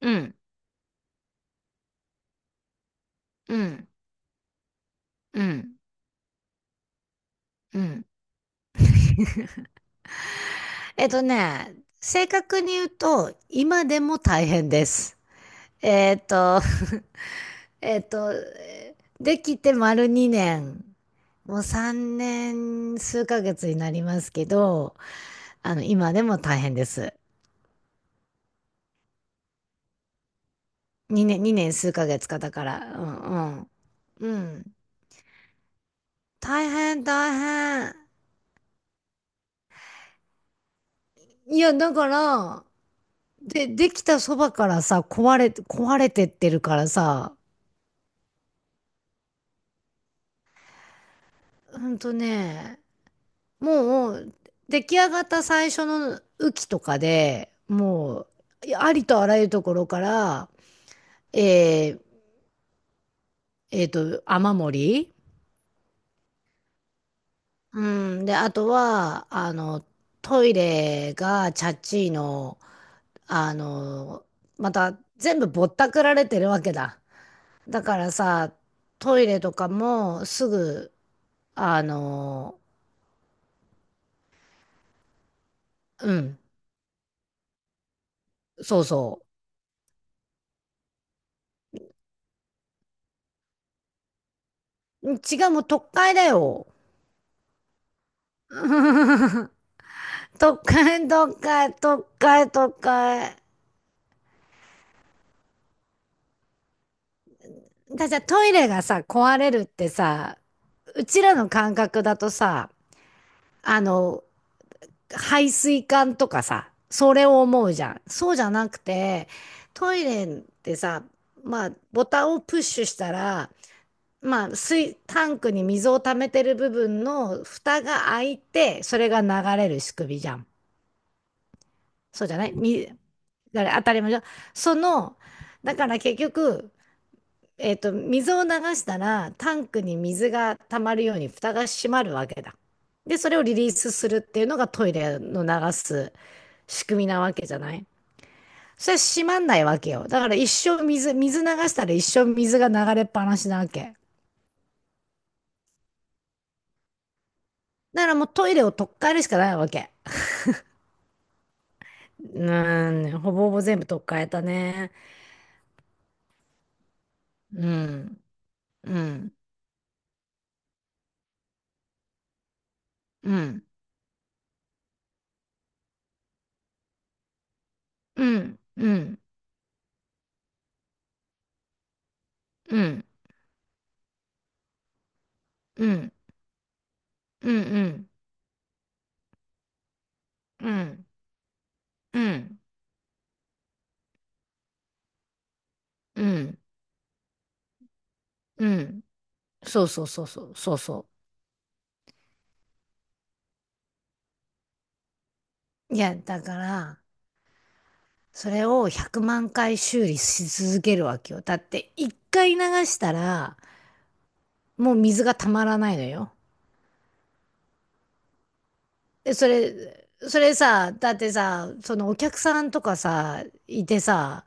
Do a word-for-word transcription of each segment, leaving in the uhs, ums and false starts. うん、うん、うん、うん。えっとね、正確に言うと、今でも大変です。えっと、えっと、えーできて丸にねん、もうさんねん数ヶ月になりますけど、あの、今でも大変です。にねん、にねん数ヶ月かだから、うんうん。うん。大変、大変。いや、だから、で、できたそばからさ、壊れ、壊れてってるからさ、ほんとね、もう出来上がった最初の雨季とかでもういありとあらゆるところから、えー、えーと、雨漏り、うん、で、あとは、あの、トイレがチャッチーの、あの、また全部ぼったくられてるわけだ。だからさ、トイレとかもすぐ、あの、うん、そうそう。違う、もう特会だよ。都会、都会、都会、都会。だ、じゃあトイレがさ、壊れるってさ、うちらの感覚だとさ、あの、排水管とかさ、それを思うじゃん。そうじゃなくて、トイレってさ、まあ、ボタンをプッシュしたら、まあ、水、タンクに水を溜めてる部分の蓋が開いて、それが流れる仕組みじゃん。そうじゃないみ、だから当たり前じゃん。その、だから結局、えっと、水を流したら、タンクに水が溜まるように蓋が閉まるわけだ。で、それをリリースするっていうのがトイレの流す仕組みなわけじゃない。それは閉まんないわけよ。だから一生水、水流したら一生水が流れっぱなしなわけ。だからもうトイレを取っ換えるしかないわけ。うん、ほぼほぼ全部取っ換えたね。うん、うん、うん、うん、うん、うん、うん、うん、うん、うん、うん、うん。そうそうそうそう、そうそう。いや、だから、それをひゃくまんかい回修理し続けるわけよ。だって、一回流したら、もう水がたまらないのよ。で、それ、それさ、だってさ、そのお客さんとかさ、いてさ、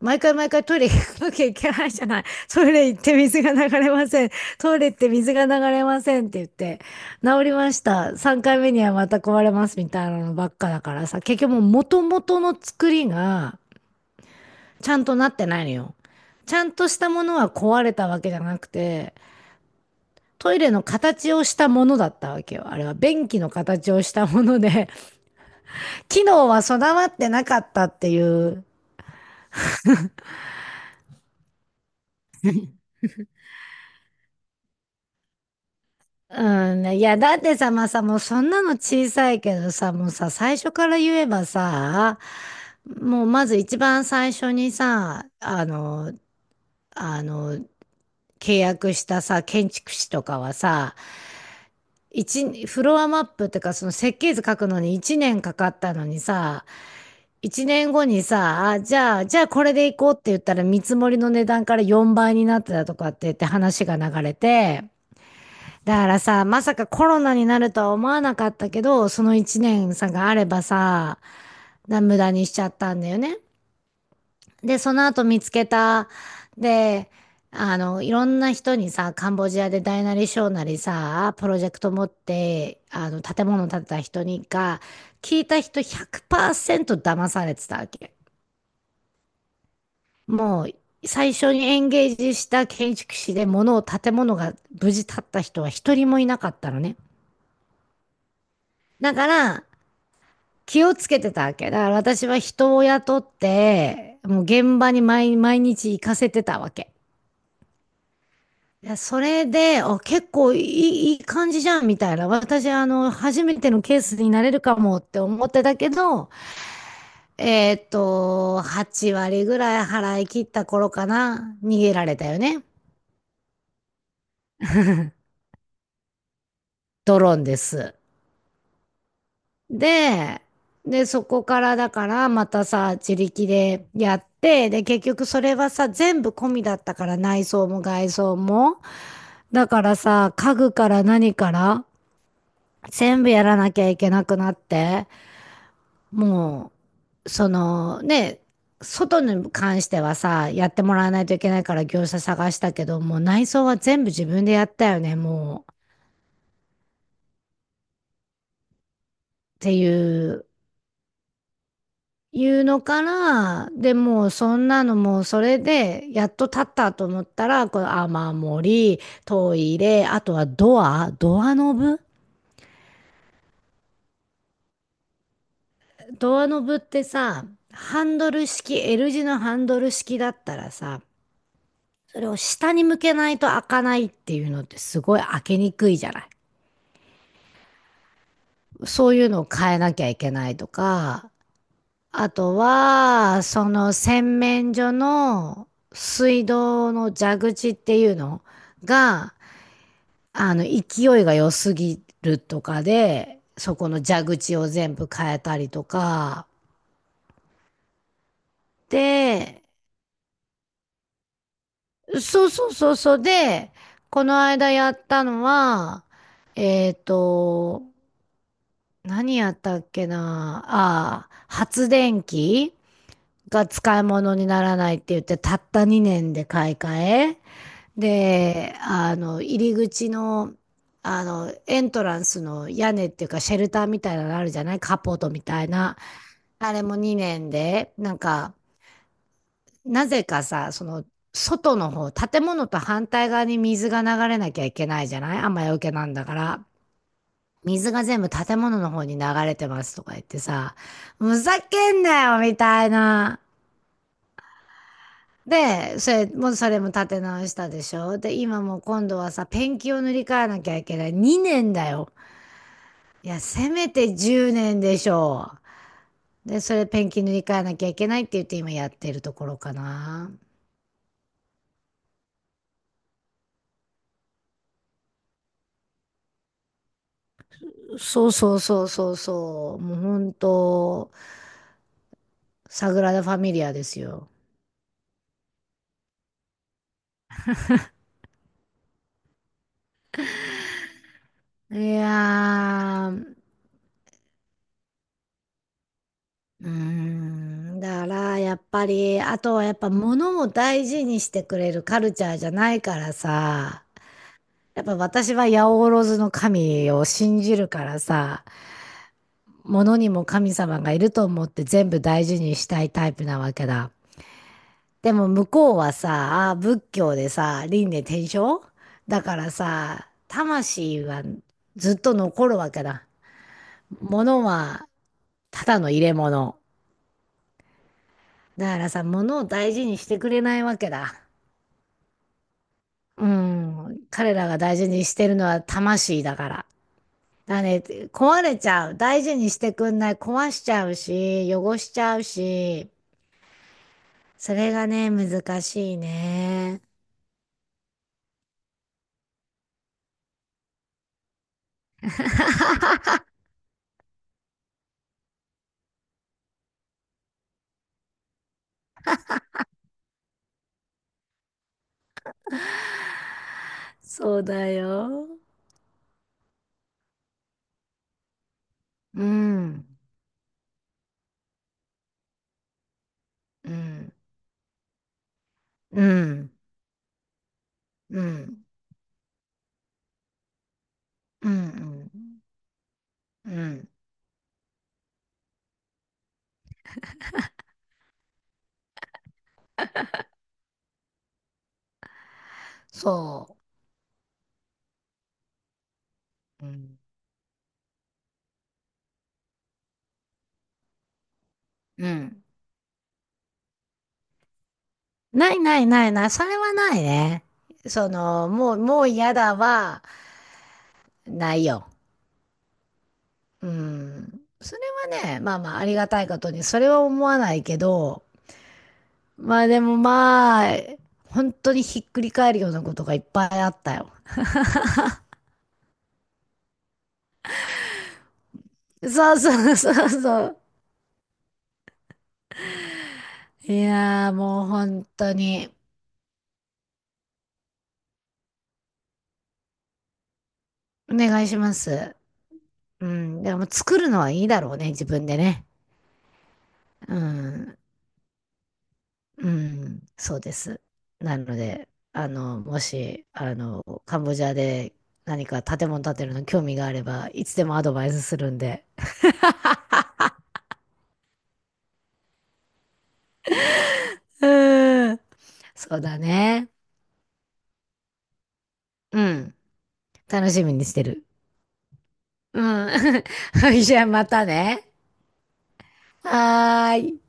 毎回毎回トイレ行かなきゃいけないじゃない。トイレ行って水が流れません。トイレ行って水が流れませんって言って、治りました。さんかいめにはまた壊れますみたいなのばっかだからさ、結局もう元々の作りが、ちゃんとなってないのよ。ちゃんとしたものは壊れたわけじゃなくて、トイレの形をしたものだったわけよ。あれは便器の形をしたもので、機能は備わってなかったっていう。うん、ね。いや、だってさ、まあさ、もうそんなの小さいけどさ、もうさ、最初から言えばさ、もうまず一番最初にさ、あの、あの、契約したさ、建築士とかはさ、一、フロアマップってか、その設計図書くのにいちねんかかったのにさ、いちねんごにさ、あ、じゃあ、じゃあこれで行こうって言ったら見積もりの値段からよんばいになってたとかって言って話が流れて、だからさ、まさかコロナになるとは思わなかったけど、そのいちねんさがあればさ、な無駄にしちゃったんだよね。で、その後見つけた。で、あの、いろんな人にさ、カンボジアで大なり小なりさ、プロジェクト持って、あの、建物建てた人にが、聞いた人ひゃくパーセント騙されてたわけ。もう、最初にエンゲージした建築士で物を、建物が無事建った人は一人もいなかったのね。だから、気をつけてたわけ。だから私は人を雇って、もう現場に毎、毎日行かせてたわけ。いや、それで、お、結構いい、いい感じじゃんみたいな。私、あの、初めてのケースになれるかもって思ってたけど、えーっと、はち割ぐらい払い切った頃かな、逃げられたよね。ドローンです。で、で、そこからだから、またさ、自力でやって、で、結局それはさ、全部込みだったから、内装も外装も。だからさ、家具から何から、全部やらなきゃいけなくなって。もう、そのね、外に関してはさ、やってもらわないといけないから業者探したけど、もう内装は全部自分でやったよね、もう。っていう、いうのから、でもうそんなのもうそれで、やっと立ったと思ったら、この雨漏り、トイレ、あとはドア、ドアノブ。ドアノブってさ、ハンドル式、エルじのハンドル式だったらさ、それを下に向けないと開かないっていうのってすごい開けにくいじゃない。そういうのを変えなきゃいけないとか、あとは、その洗面所の水道の蛇口っていうのが、あの、勢いが良すぎるとかで、そこの蛇口を全部変えたりとか、で、そうそうそうそうで、この間やったのは、えっと、何やったっけな。ああ、発電機が使い物にならないって言って、たったにねんで買い替え。で、あの、入り口の、あの、エントランスの屋根っていうか、シェルターみたいなのあるじゃない。カポートみたいな。あれもにねんで、なんか、なぜかさ、その、外の方、建物と反対側に水が流れなきゃいけないじゃない、雨よけなんだから。水が全部建物の方に流れてますとか言ってさ、ふざけんなよみたいな。で、それも、それも立て直したでしょ。で、今もう今度はさ、ペンキを塗り替えなきゃいけない。にねんだよ。いや、せめてじゅうねんでしょう。で、それペンキ塗り替えなきゃいけないって言って今やってるところかな。そうそうそうそうそう。もう本当、サグラダ・ファミリアですよ。いやー、うーん、だからやっぱり、あとはやっぱ物も大事にしてくれるカルチャーじゃないからさ、やっぱ私は八百万の神を信じるからさ、物にも神様がいると思って全部大事にしたいタイプなわけだ。でも向こうはさ、あー仏教でさ、輪廻転生だからさ、魂はずっと残るわけだ。物はただの入れ物。だからさ、物を大事にしてくれないわけだ。うん、彼らが大事にしてるのは魂だから。だね、壊れちゃう。大事にしてくんない。壊しちゃうし、汚しちゃうし。それがね、難しいね。そうだよ。うん、うん、うん、うん、うん、うん、うんそう。うん、うん。ないないないない。それはないね。その、もう、もう嫌だは、ないよ。うん。それはね、まあまあありがたいことに、それは思わないけど、まあでもまあ、本当にひっくり返るようなことがいっぱいあったよ。そうそうそうそう。いやーもう本当に、お願いします。うん。でも作るのはいいだろうね、自分でね。うん。うん。そうです。なので、あの、もし、あの、カンボジアで何か建物建てるの興味があれば、いつでもアドバイスするんで。うん。そうだね。うん。楽しみにしてる。うん。はい、じゃあまたね。はーい。